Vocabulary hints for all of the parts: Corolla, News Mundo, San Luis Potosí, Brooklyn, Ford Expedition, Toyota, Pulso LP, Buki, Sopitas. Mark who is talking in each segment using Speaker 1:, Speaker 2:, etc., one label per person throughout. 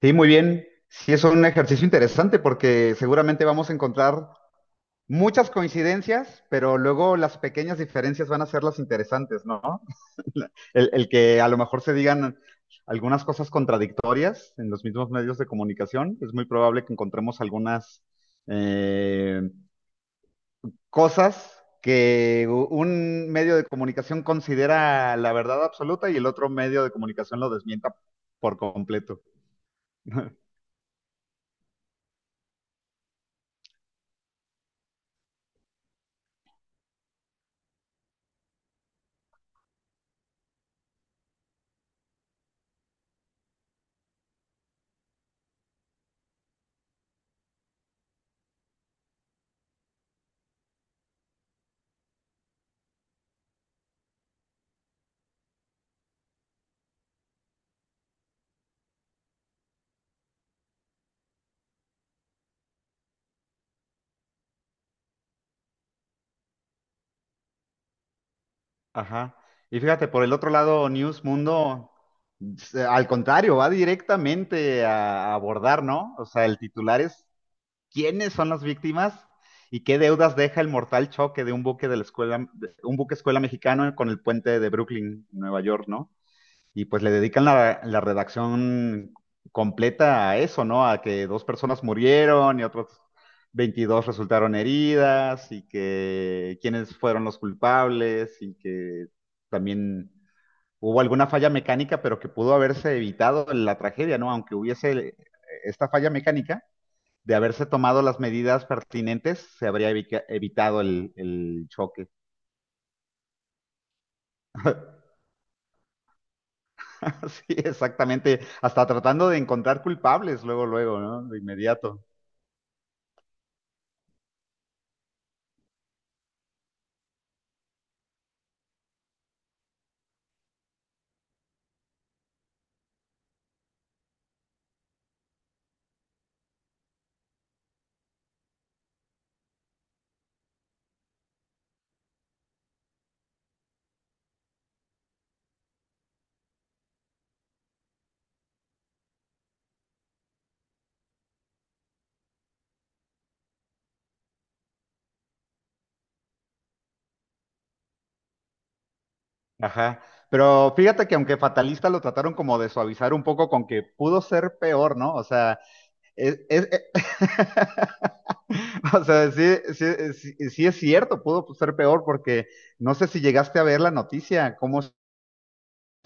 Speaker 1: Sí, muy bien. Sí, es un ejercicio interesante porque seguramente vamos a encontrar muchas coincidencias, pero luego las pequeñas diferencias van a ser las interesantes, ¿no? El que a lo mejor se digan algunas cosas contradictorias en los mismos medios de comunicación, es muy probable que encontremos algunas eh, cosas que un medio de comunicación considera la verdad absoluta y el otro medio de comunicación lo desmienta por completo. Ajá. Y fíjate, por el otro lado, News Mundo, al contrario, va directamente a abordar, ¿no? O sea, el titular es: ¿quiénes son las víctimas y qué deudas deja el mortal choque de un buque de la escuela, de un buque escuela mexicano con el puente de Brooklyn, Nueva York, ¿no? Y pues le dedican la redacción completa a eso, ¿no? A que dos personas murieron y otros 22 resultaron heridas, y que quiénes fueron los culpables y que también hubo alguna falla mecánica, pero que pudo haberse evitado la tragedia, ¿no? Aunque hubiese esta falla mecánica, de haberse tomado las medidas pertinentes, se habría evitado el choque. Sí, exactamente. Hasta tratando de encontrar culpables luego, luego, ¿no? De inmediato. Ajá. Pero fíjate que aunque fatalista lo trataron como de suavizar un poco con que pudo ser peor, ¿no? O sea, es, es- o sea, sí, sí, sí, sí es cierto, pudo ser peor porque no sé si llegaste a ver la noticia, cómo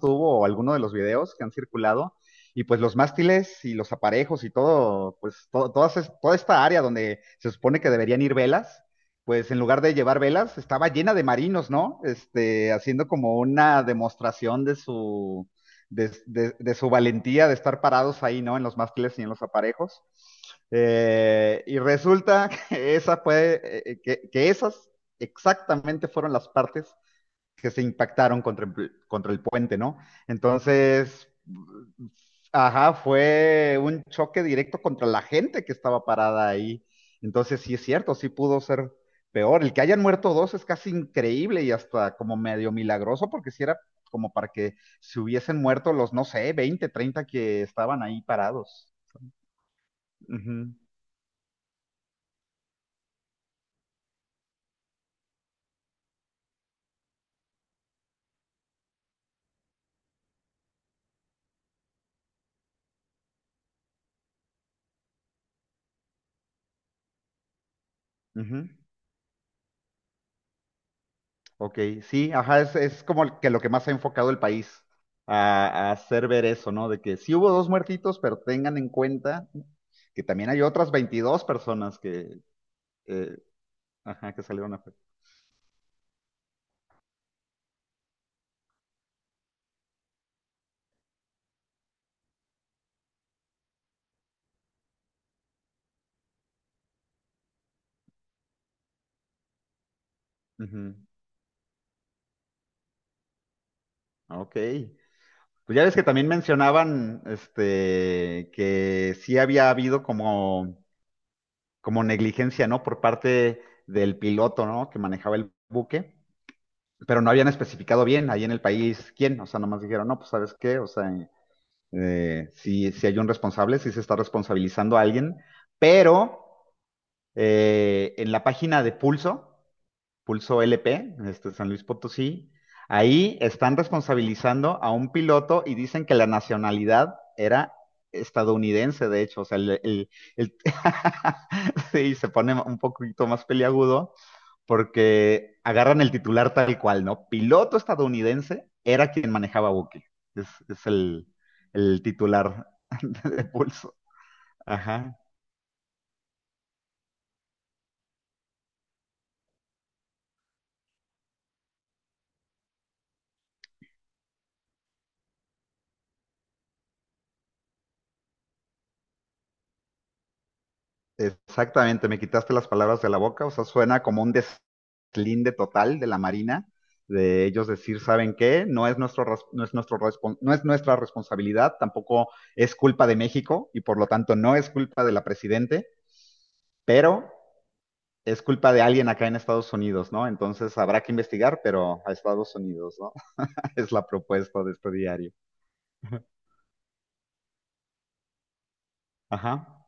Speaker 1: tuvo o alguno de los videos que han circulado. Y pues los mástiles y los aparejos y todo, pues toda esta área donde se supone que deberían ir velas, pues en lugar de llevar velas, estaba llena de marinos, ¿no? Este, haciendo como una demostración de su, de su valentía de estar parados ahí, ¿no? En los mástiles y en los aparejos. Y resulta que esa fue, que esas exactamente fueron las partes que se impactaron contra contra el puente, ¿no? Entonces, ajá, fue un choque directo contra la gente que estaba parada ahí. Entonces, sí es cierto, sí pudo ser peor. El que hayan muerto dos es casi increíble y hasta como medio milagroso, porque si era como para que se hubiesen muerto los, no sé, 20, 30 que estaban ahí parados. Ujú, ujú. Ok, sí, ajá, es como que lo que más ha enfocado el país a hacer ver eso, ¿no? De que sí hubo dos muertitos, pero tengan en cuenta que también hay otras 22 personas que, eh, ajá, que salieron a... Ujú. Ok, pues ya ves que también mencionaban, este, que sí había habido como, como negligencia, ¿no? Por parte del piloto, ¿no? Que manejaba el buque, pero no habían especificado bien ahí en el país quién, o sea, nomás dijeron, no, pues ¿sabes qué? O sea... si hay un responsable, si se está responsabilizando a alguien, pero en la página de Pulso, Pulso LP, este, San Luis Potosí, ahí están responsabilizando a un piloto y dicen que la nacionalidad era estadounidense, de hecho. O sea, el- sí, se pone un poquito más peliagudo porque agarran el titular tal cual, ¿no? Piloto estadounidense era quien manejaba Buki. Es el titular de Pulso. Ajá. Exactamente, me quitaste las palabras de la boca, o sea, suena como un deslinde total de la Marina, de ellos decir, ¿saben qué? No es nuestra responsabilidad, tampoco es culpa de México y por lo tanto no es culpa de la presidente, pero es culpa de alguien acá en Estados Unidos, ¿no? Entonces habrá que investigar, pero a Estados Unidos, ¿no? Es la propuesta de este diario. Ajá.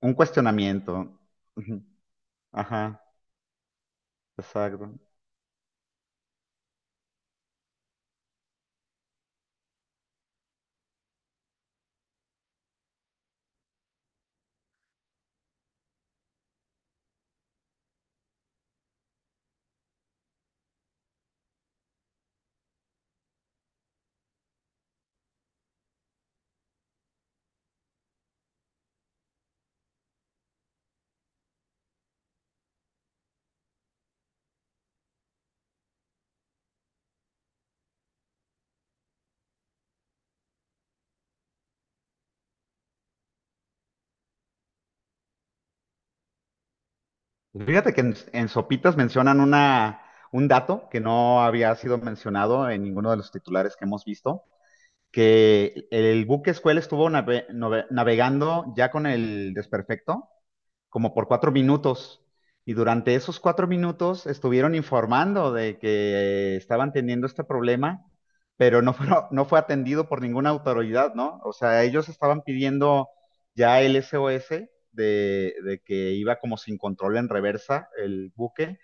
Speaker 1: Un cuestionamiento. Ujú. Ajá, exacto. Fíjate que en Sopitas mencionan una, un dato que no había sido mencionado en ninguno de los titulares que hemos visto: que el buque escuela estuvo navegando ya con el desperfecto como por 4 minutos. Y durante esos 4 minutos estuvieron informando de que estaban teniendo este problema, pero no fue, no fue atendido por ninguna autoridad, ¿no? O sea, ellos estaban pidiendo ya el SOS de que iba como sin control en reversa el buque,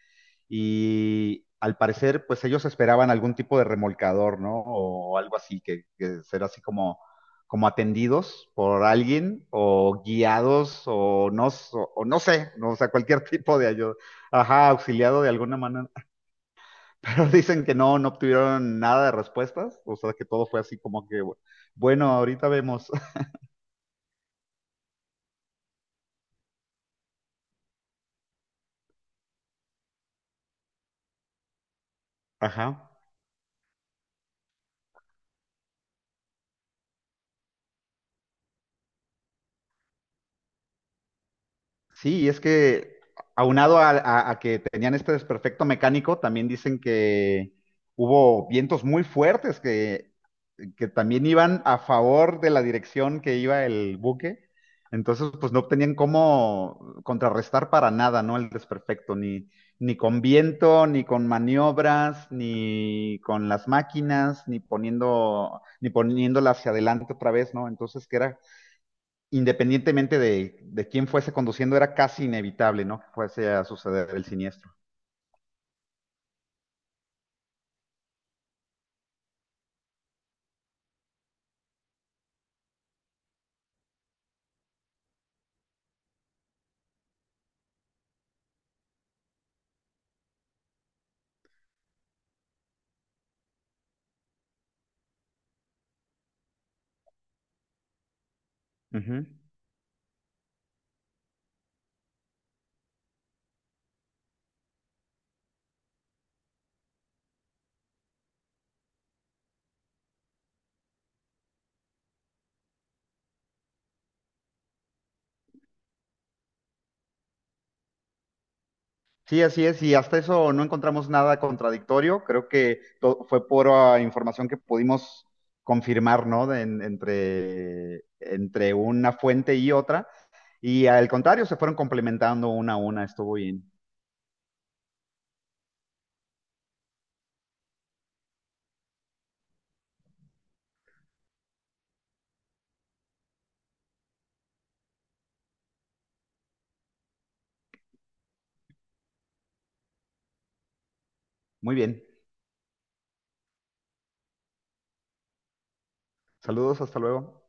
Speaker 1: y al parecer, pues ellos esperaban algún tipo de remolcador, ¿no? O algo así, que será así como como atendidos por alguien o guiados o no sé, no, o sea, cualquier tipo de ayuda, ajá, auxiliado de alguna manera. Pero dicen que no, no obtuvieron nada de respuestas, o sea, que todo fue así como que, bueno, ahorita vemos. Ajá. Sí, y es que aunado a que tenían este desperfecto mecánico, también dicen que hubo vientos muy fuertes que también iban a favor de la dirección que iba el buque. Entonces, pues no tenían cómo contrarrestar para nada, ¿no? El desperfecto, ni con viento, ni con maniobras, ni con las máquinas, ni poniéndola hacia adelante otra vez, ¿no? Entonces, que era, independientemente de quién fuese conduciendo, era casi inevitable, ¿no? Que fuese a suceder el siniestro. Uh -huh. Sí, así es, y hasta eso no encontramos nada contradictorio. Creo que fue pura información que pudimos confirmar, ¿no? Entre, entre una fuente y otra. Y al contrario, se fueron complementando una a una. Estuvo bien. Muy bien. Saludos, hasta luego.